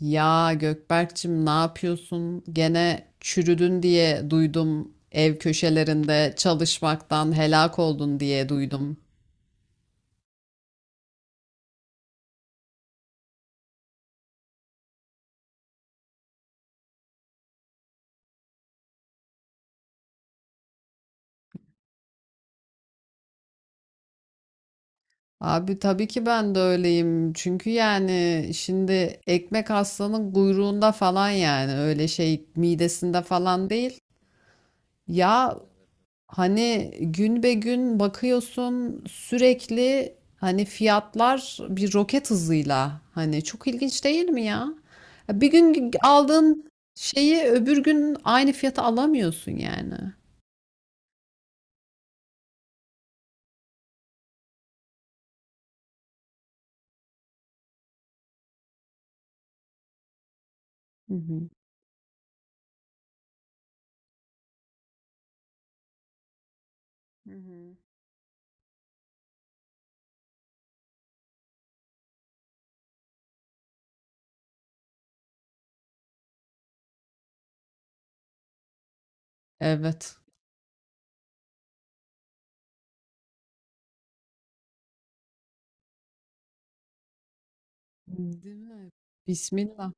Ya, Gökberk'cim ne yapıyorsun? Gene çürüdün diye duydum. Ev köşelerinde çalışmaktan helak oldun diye duydum. Abi tabii ki ben de öyleyim. Çünkü yani şimdi ekmek aslanın kuyruğunda falan yani öyle şey midesinde falan değil. Ya, hani gün be gün bakıyorsun sürekli, hani fiyatlar bir roket hızıyla, hani çok ilginç değil mi ya? Ya, bir gün aldığın şeyi öbür gün aynı fiyata alamıyorsun yani. Hı hı. Hı hı. Evet. Değil mi? Bismillah.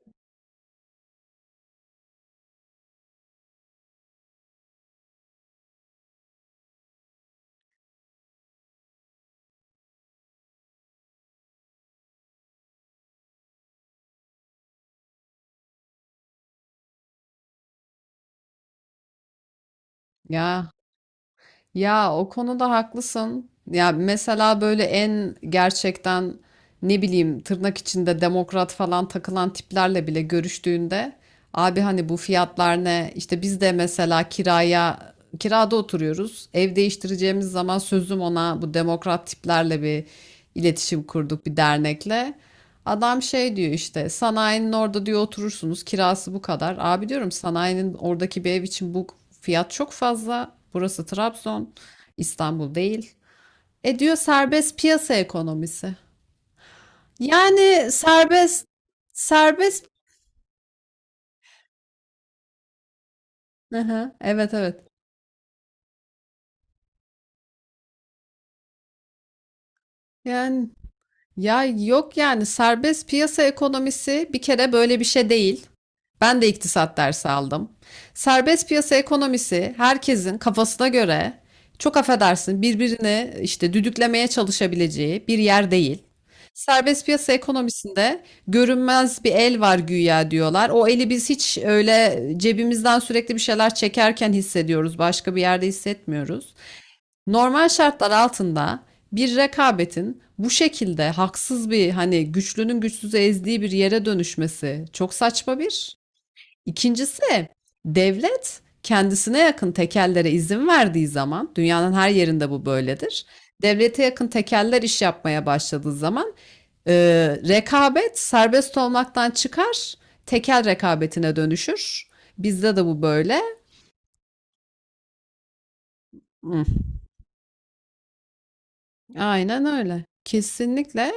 Ya Ya, o konuda haklısın. Ya, mesela böyle en gerçekten ne bileyim tırnak içinde demokrat falan takılan tiplerle bile görüştüğünde abi hani bu fiyatlar ne? İşte biz de mesela kirada oturuyoruz. Ev değiştireceğimiz zaman sözüm ona bu demokrat tiplerle bir iletişim kurduk, bir dernekle. Adam şey diyor işte, sanayinin orada diyor oturursunuz, kirası bu kadar. Abi diyorum, sanayinin oradaki bir ev için bu fiyat çok fazla. Burası Trabzon, İstanbul değil. E diyor, serbest piyasa ekonomisi. Yani serbest. Hı hı, evet evet. Yani ya yok, yani serbest piyasa ekonomisi bir kere böyle bir şey değil. Ben de iktisat dersi aldım. Serbest piyasa ekonomisi herkesin kafasına göre, çok affedersin, birbirini işte düdüklemeye çalışabileceği bir yer değil. Serbest piyasa ekonomisinde görünmez bir el var güya diyorlar. O eli biz hiç öyle cebimizden sürekli bir şeyler çekerken hissediyoruz. Başka bir yerde hissetmiyoruz. Normal şartlar altında bir rekabetin bu şekilde haksız bir, hani güçlünün güçsüzü ezdiği bir yere dönüşmesi çok saçma bir. İkincisi, devlet kendisine yakın tekellere izin verdiği zaman, dünyanın her yerinde bu böyledir. Devlete yakın tekeller iş yapmaya başladığı zaman e, rekabet serbest olmaktan çıkar, tekel rekabetine dönüşür. Bizde de bu böyle. Hmm, aynen öyle. Kesinlikle.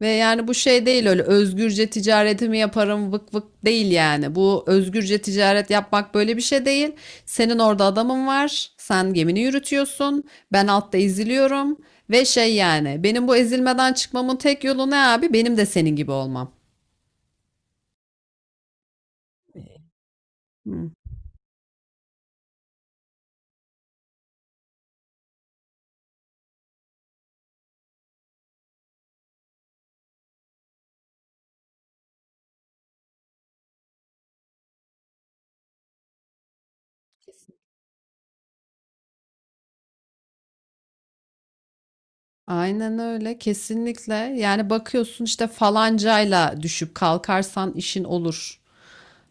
Ve yani bu şey değil, öyle özgürce ticaretimi yaparım vık vık değil yani. Bu özgürce ticaret yapmak böyle bir şey değil. Senin orada adamın var. Sen gemini yürütüyorsun. Ben altta eziliyorum. Ve şey yani, benim bu ezilmeden çıkmamın tek yolu ne abi? Benim de senin gibi olmam. Hı. Aynen öyle, kesinlikle. Yani bakıyorsun işte, falancayla düşüp kalkarsan işin olur.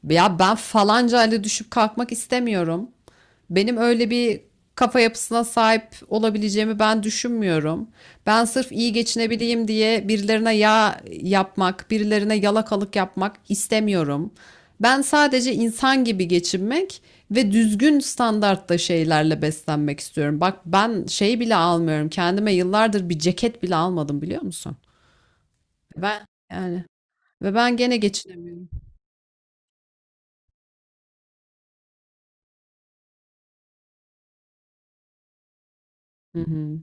Ya, ben falanca ile düşüp kalkmak istemiyorum. Benim öyle bir kafa yapısına sahip olabileceğimi ben düşünmüyorum. Ben sırf iyi geçinebileyim diye birilerine yağ yapmak, birilerine yalakalık yapmak istemiyorum. Ben sadece insan gibi geçinmek ve düzgün standartta şeylerle beslenmek istiyorum. Bak, ben şey bile almıyorum. Kendime yıllardır bir ceket bile almadım, biliyor musun? Ben yani, ve ben gene geçinemiyorum. Hı hı.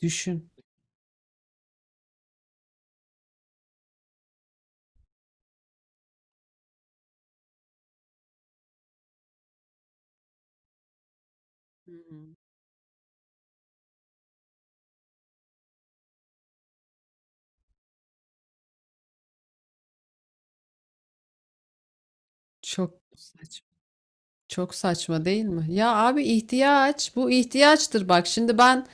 Düşün. Çok saçma. Çok saçma değil mi? Ya abi, ihtiyaç, bu ihtiyaçtır bak. Şimdi ben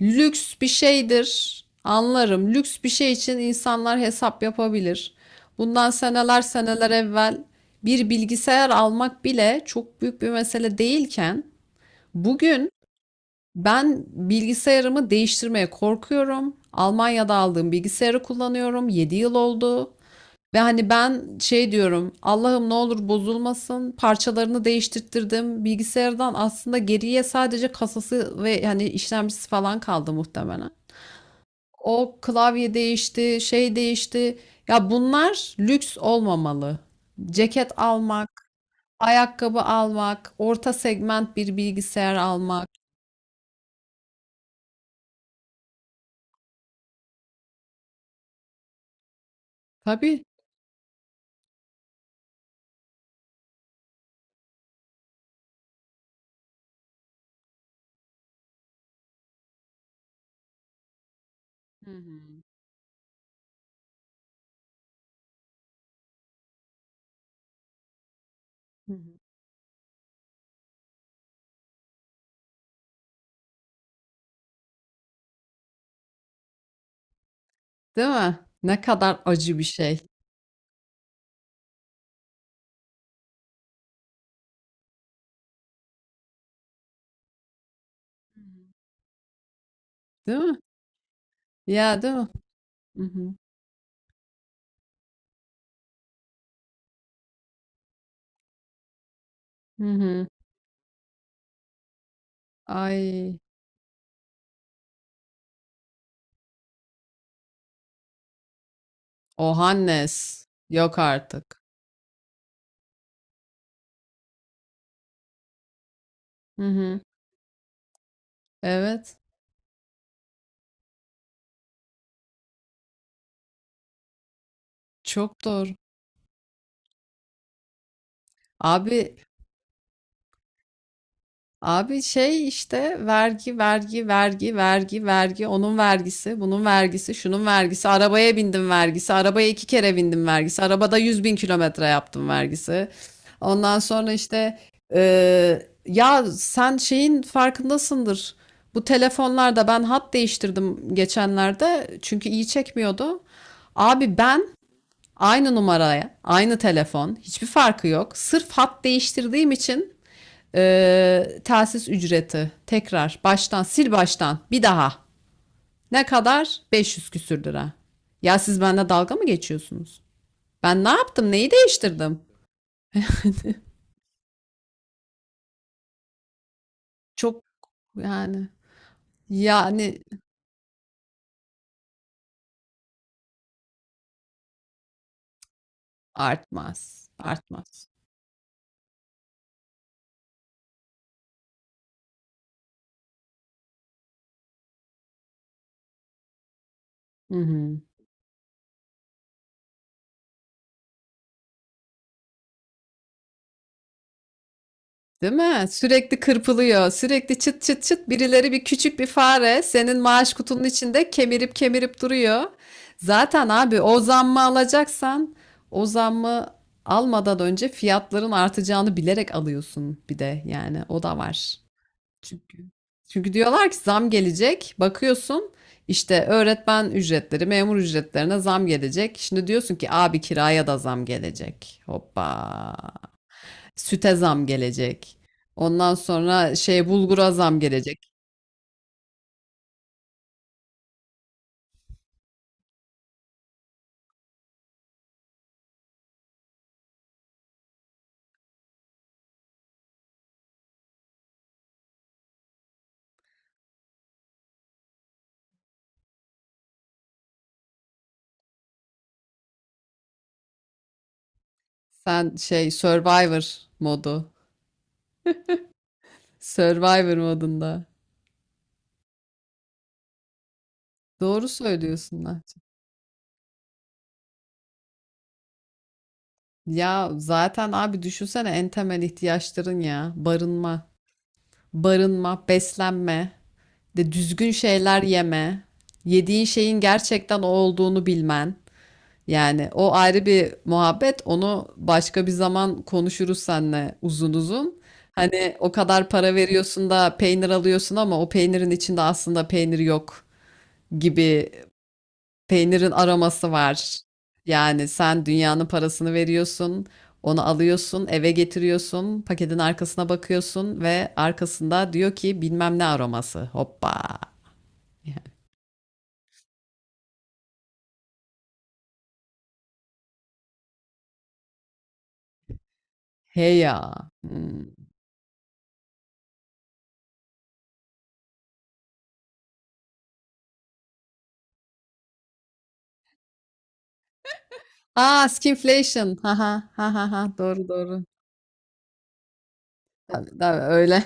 lüks bir şeydir anlarım. Lüks bir şey için insanlar hesap yapabilir. Bundan seneler seneler evvel bir bilgisayar almak bile çok büyük bir mesele değilken, bugün ben bilgisayarımı değiştirmeye korkuyorum. Almanya'da aldığım bilgisayarı kullanıyorum. 7 yıl oldu. Ve hani ben şey diyorum, Allah'ım ne olur bozulmasın, parçalarını değiştirttirdim bilgisayardan, aslında geriye sadece kasası ve hani işlemcisi falan kaldı muhtemelen. O klavye değişti, şey değişti, ya bunlar lüks olmamalı. Ceket almak, ayakkabı almak, orta segment bir bilgisayar almak. Tabii. Hı hı. Hı hı. Değil mi? Ne kadar acı bir şey. Değil mi? Ya, değil mi? Hı hı. Hı hı. Ay. Ohannes. Yok artık. Hı hı. Evet. Çok doğru. Abi, şey işte, vergi, vergi, vergi, vergi, vergi, onun vergisi, bunun vergisi, şunun vergisi, arabaya bindim vergisi, arabaya iki kere bindim vergisi, arabada 100.000 kilometre yaptım vergisi. Ondan sonra işte e, ya sen şeyin farkındasındır. Bu telefonlarda ben hat değiştirdim geçenlerde, çünkü iyi çekmiyordu. Abi ben, aynı numaraya, aynı telefon, hiçbir farkı yok. Sırf hat değiştirdiğim için telsiz ücreti, tekrar baştan, sil baştan bir daha. Ne kadar? 500 küsür lira. Ya, siz benimle dalga mı geçiyorsunuz? Ben ne yaptım? Neyi değiştirdim? Çok, yani yani artmaz, artmaz. Hı hı. Değil mi? Sürekli kırpılıyor. Sürekli çıt çıt çıt, birileri, bir küçük bir fare senin maaş kutunun içinde kemirip kemirip duruyor. Zaten abi, o zammı alacaksan o zammı almadan önce fiyatların artacağını bilerek alıyorsun, bir de yani o da var. Çünkü diyorlar ki zam gelecek. Bakıyorsun işte, öğretmen ücretleri, memur ücretlerine zam gelecek. Şimdi diyorsun ki abi, kiraya da zam gelecek. Hoppa. Süte zam gelecek. Ondan sonra şey, bulgura zam gelecek. Sen şey Survivor modu. Survivor modunda. Doğru söylüyorsun Nahçe. Ya zaten abi, düşünsene en temel ihtiyaçların ya. Barınma, beslenme, de düzgün şeyler yeme, yediğin şeyin gerçekten o olduğunu bilmen. Yani o ayrı bir muhabbet. Onu başka bir zaman konuşuruz seninle uzun uzun. Hani o kadar para veriyorsun da peynir alıyorsun, ama o peynirin içinde aslında peynir yok gibi, peynirin aroması var. Yani sen dünyanın parasını veriyorsun, onu alıyorsun, eve getiriyorsun, paketin arkasına bakıyorsun ve arkasında diyor ki bilmem ne aroması. Hoppa. Hey ya. Hmm. Aa, skinflation. Ha ha ha ha ha. Doğru, doğru. Tabii, öyle.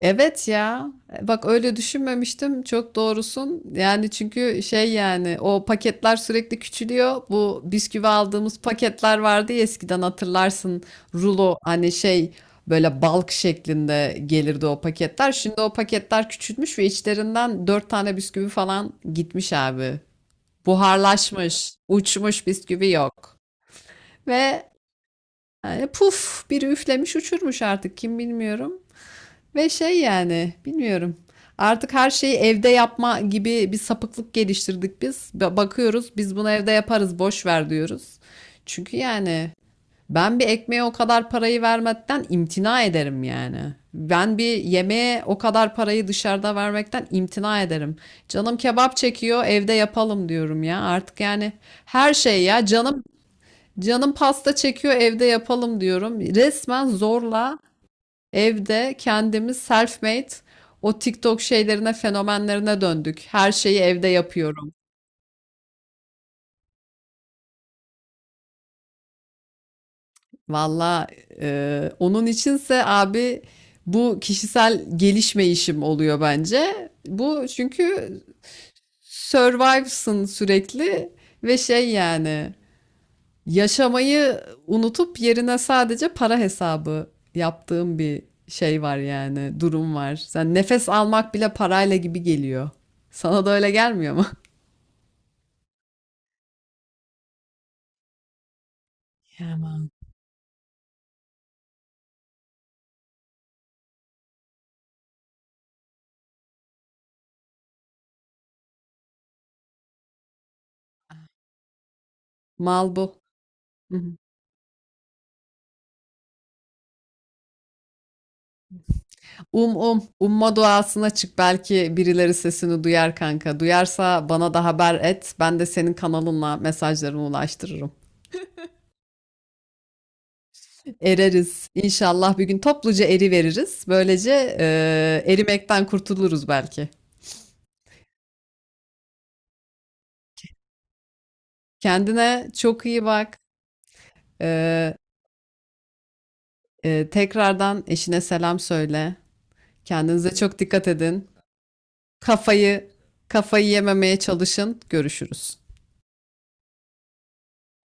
Evet ya. Bak, öyle düşünmemiştim. Çok doğrusun. Yani çünkü şey, yani o paketler sürekli küçülüyor. Bu bisküvi aldığımız paketler vardı ya eskiden, hatırlarsın. Rulo, hani şey, böyle balk şeklinde gelirdi o paketler. Şimdi o paketler küçülmüş ve içlerinden dört tane bisküvi falan gitmiş abi. Buharlaşmış, uçmuş, bisküvi yok. Ve yani puf, biri üflemiş uçurmuş artık kim bilmiyorum. Ve şey yani, bilmiyorum. Artık her şeyi evde yapma gibi bir sapıklık geliştirdik biz. Bakıyoruz biz bunu evde yaparız, boş ver diyoruz. Çünkü yani ben bir ekmeğe o kadar parayı vermekten imtina ederim yani. Ben bir yemeğe o kadar parayı dışarıda vermekten imtina ederim. Canım kebap çekiyor, evde yapalım diyorum ya. Artık yani her şey, ya canım, pasta çekiyor, evde yapalım diyorum. Resmen zorla evde kendimiz self-made, o TikTok şeylerine, fenomenlerine döndük. Her şeyi evde yapıyorum. Valla onun içinse abi, bu kişisel gelişme işim oluyor bence. Bu çünkü survive'sın sürekli, ve şey yani, yaşamayı unutup yerine sadece para hesabı yaptığım bir şey var, yani durum var. Sen, nefes almak bile parayla gibi geliyor. Sana da öyle gelmiyor mu? Aman. Mal bu. Hı hı. Um um. Umma duasına çık. Belki birileri sesini duyar kanka. Duyarsa bana da haber et. Ben de senin kanalınla mesajlarını ulaştırırım. Ereriz. İnşallah bir gün topluca eri veririz. Böylece erimekten kurtuluruz belki. Kendine çok iyi bak. Eee, tekrardan eşine selam söyle. Kendinize çok dikkat edin. Kafayı kafayı yememeye çalışın. Görüşürüz.